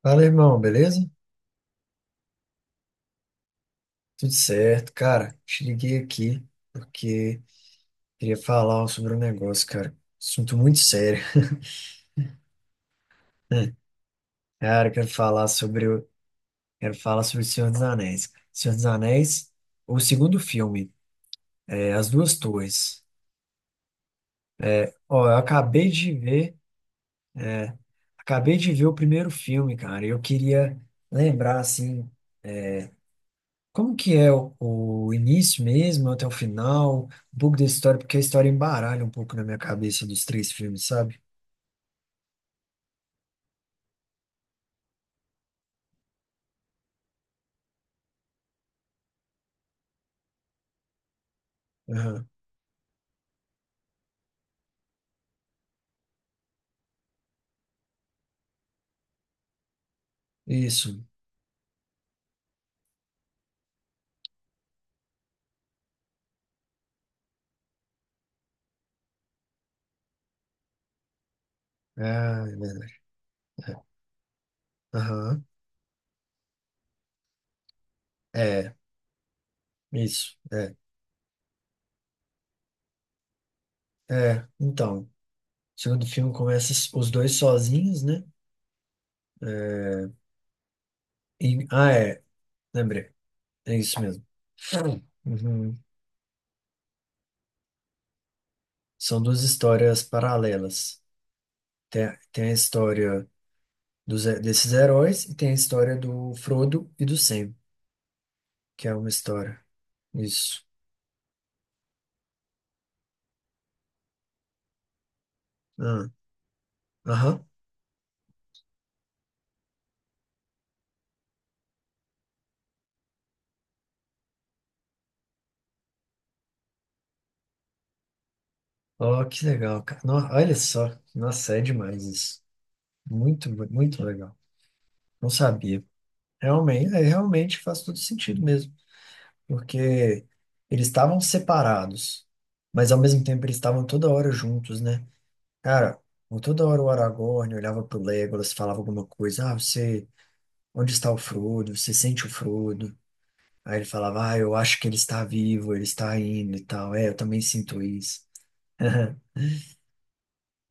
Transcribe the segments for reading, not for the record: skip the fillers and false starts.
Fala, irmão, beleza? Tudo certo, cara. Te liguei aqui porque queria falar sobre um negócio, cara. Assunto muito sério. Cara, quero falar sobre o Senhor dos Anéis. Senhor dos Anéis, o segundo filme, As Duas Torres. Ó, eu acabei de ver o primeiro filme, cara. Eu queria lembrar assim, como que é o início mesmo até o final, um pouco da história, porque a história embaralha um pouco na minha cabeça dos três filmes, sabe? Isso. Ah, é verdade. É. Aham. É, isso. É. É, então. O segundo filme começa os dois sozinhos, né? É, é. Lembrei. É isso mesmo. Uhum. São duas histórias paralelas. Tem a história desses heróis e tem a história do Frodo e do Sam, que é uma história. Isso. Ah, aham. Ó, que legal, cara. Olha só. Nossa, é demais isso. Muito, muito legal. Não sabia. Realmente, realmente faz todo sentido mesmo, porque eles estavam separados, mas ao mesmo tempo eles estavam toda hora juntos, né? Cara, toda hora o Aragorn olhava pro Legolas, falava alguma coisa, onde está o Frodo? Você sente o Frodo? Aí ele falava, ah, eu acho que ele está vivo, ele está indo e tal. É, eu também sinto isso.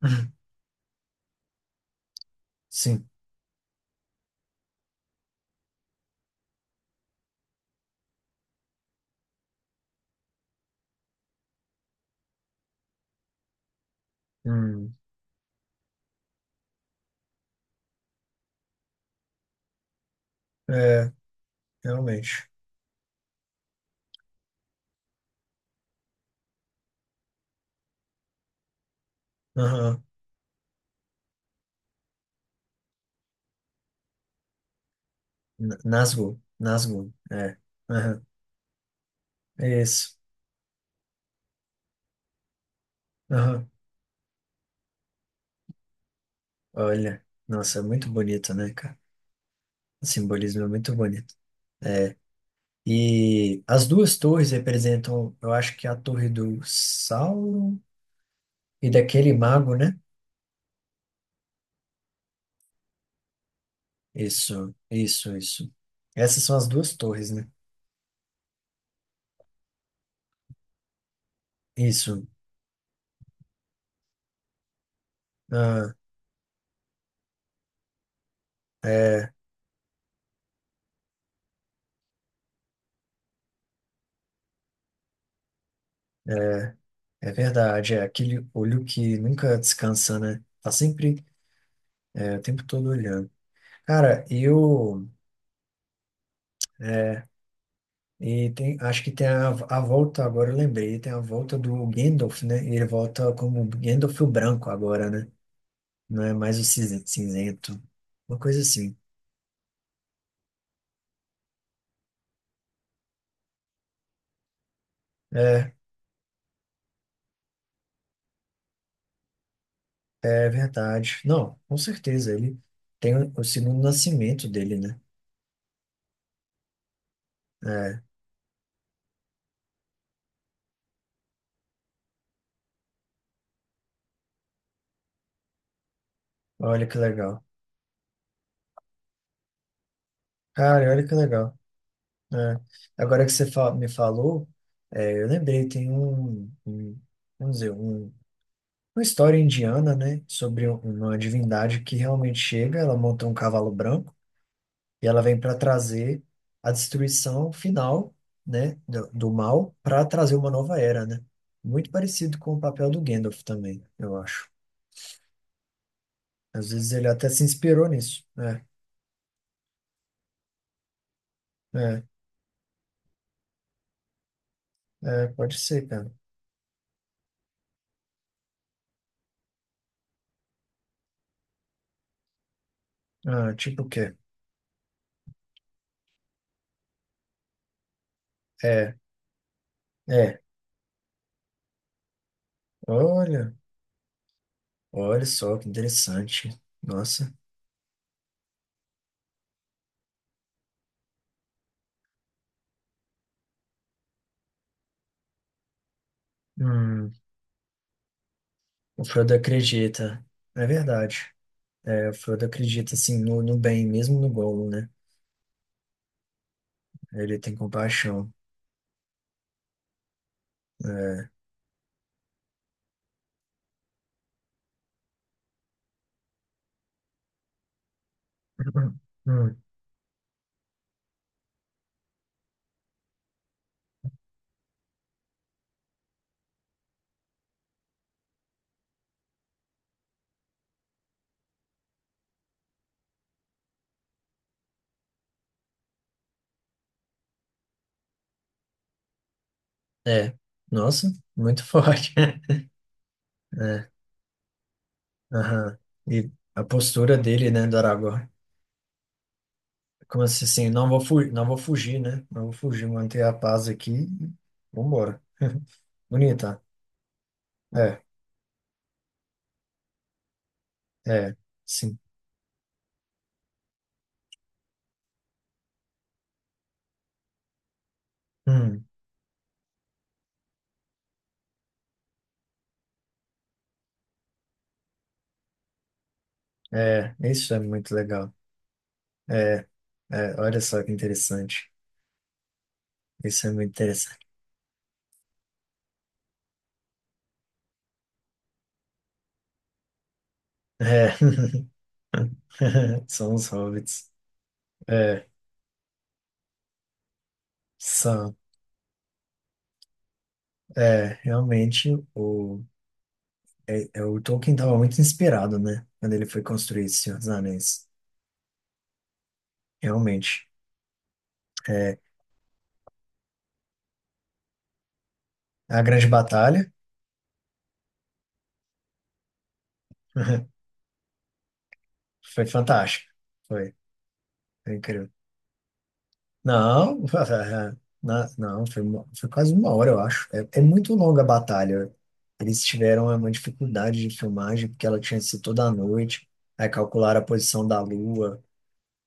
Sim. Hum. É, realmente. Aham. Nazgûl, Nazgûl, é. Aham. É isso. Olha, nossa, é muito bonito, né, cara? O simbolismo é muito bonito. É, e as duas torres representam, eu acho que é a torre do Sauron e daquele mago, né? Isso, isso, isso. Essas são as duas torres, né? Isso. Ah, é, é verdade. É aquele olho que nunca descansa, né? Tá sempre, o tempo todo olhando. Cara, eu. E acho que tem a volta, agora eu lembrei, tem a volta do Gandalf, né? Ele volta como Gandalf o branco agora, né? Não é mais o cinzento. Uma coisa assim. É, é verdade. Não, com certeza, ele tem o segundo nascimento dele, né? É, olha que legal. Cara, olha que legal. É. Agora que você me falou, eu lembrei, tem vamos dizer, uma história indiana, né, sobre uma divindade que realmente chega, ela monta um cavalo branco e ela vem para trazer a destruição final, né, do mal para trazer uma nova era, né? Muito parecido com o papel do Gandalf também, eu acho. Às vezes ele até se inspirou nisso, né? É, é, pode ser, cara. Ah, tipo o quê? É, é. Olha, olha só que interessante. Nossa. Hum, o Frodo acredita. É verdade. É, o Frodo acredita assim no bem, mesmo no Gollum, né? Ele tem compaixão. É, Hum. é. Nossa, muito forte. É, aham. E a postura dele, né, do Aragorn. Como se assim, não vou fugir, não vou fugir, né? Não vou fugir, manter a paz aqui. E vambora. Bonita. É, é, sim. Hum, isso é muito legal. É, é, olha só que interessante. Isso é muito interessante. É. São os hobbits. É, são. É, realmente, o, o Tolkien estava muito inspirado, né? Quando ele foi construir esse Senhor dos Anéis. Realmente. É, a Grande Batalha foi fantástica. Foi, foi incrível. Não, não, foi quase uma hora, eu acho. É muito longa a batalha. Eles tiveram uma dificuldade de filmagem, porque ela tinha sido toda à noite. Aí calcularam a posição da lua.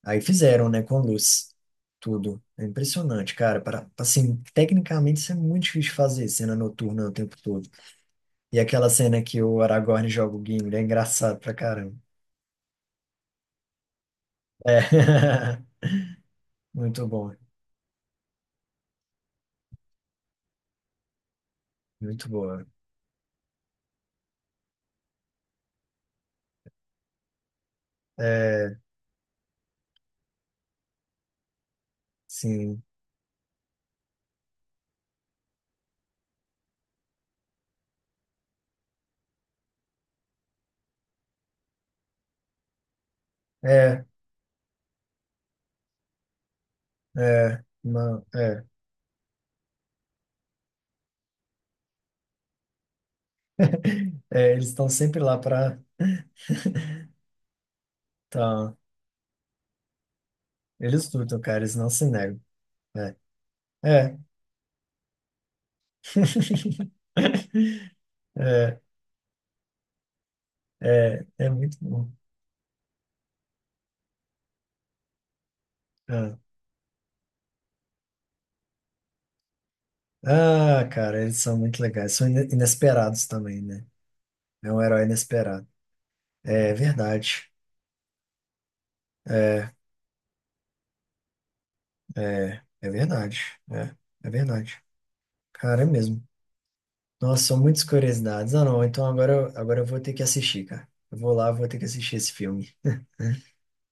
Aí fizeram, né, com luz, tudo. É impressionante, cara. Para, assim, tecnicamente isso é muito difícil de fazer, cena noturna o tempo todo. E aquela cena que o Aragorn joga o Gimli é engraçado pra caramba. É. Muito bom, muito boa. É, sim. É, é, não, é. É, eles estão sempre lá pra. Então, eles lutam, cara, eles não se negam. É, é. É, é, é muito bom. Ah, ah, cara, eles são muito legais. São inesperados também, né? É um herói inesperado. É verdade. É, é, é verdade. É, é verdade. Cara, é mesmo. Nossa, são muitas curiosidades. Ah, não. Então agora, agora eu vou ter que assistir, cara. Eu vou lá, vou ter que assistir esse filme.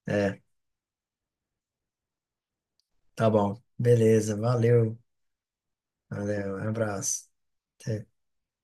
É, tá bom. Beleza, valeu. Valeu, um abraço. Até.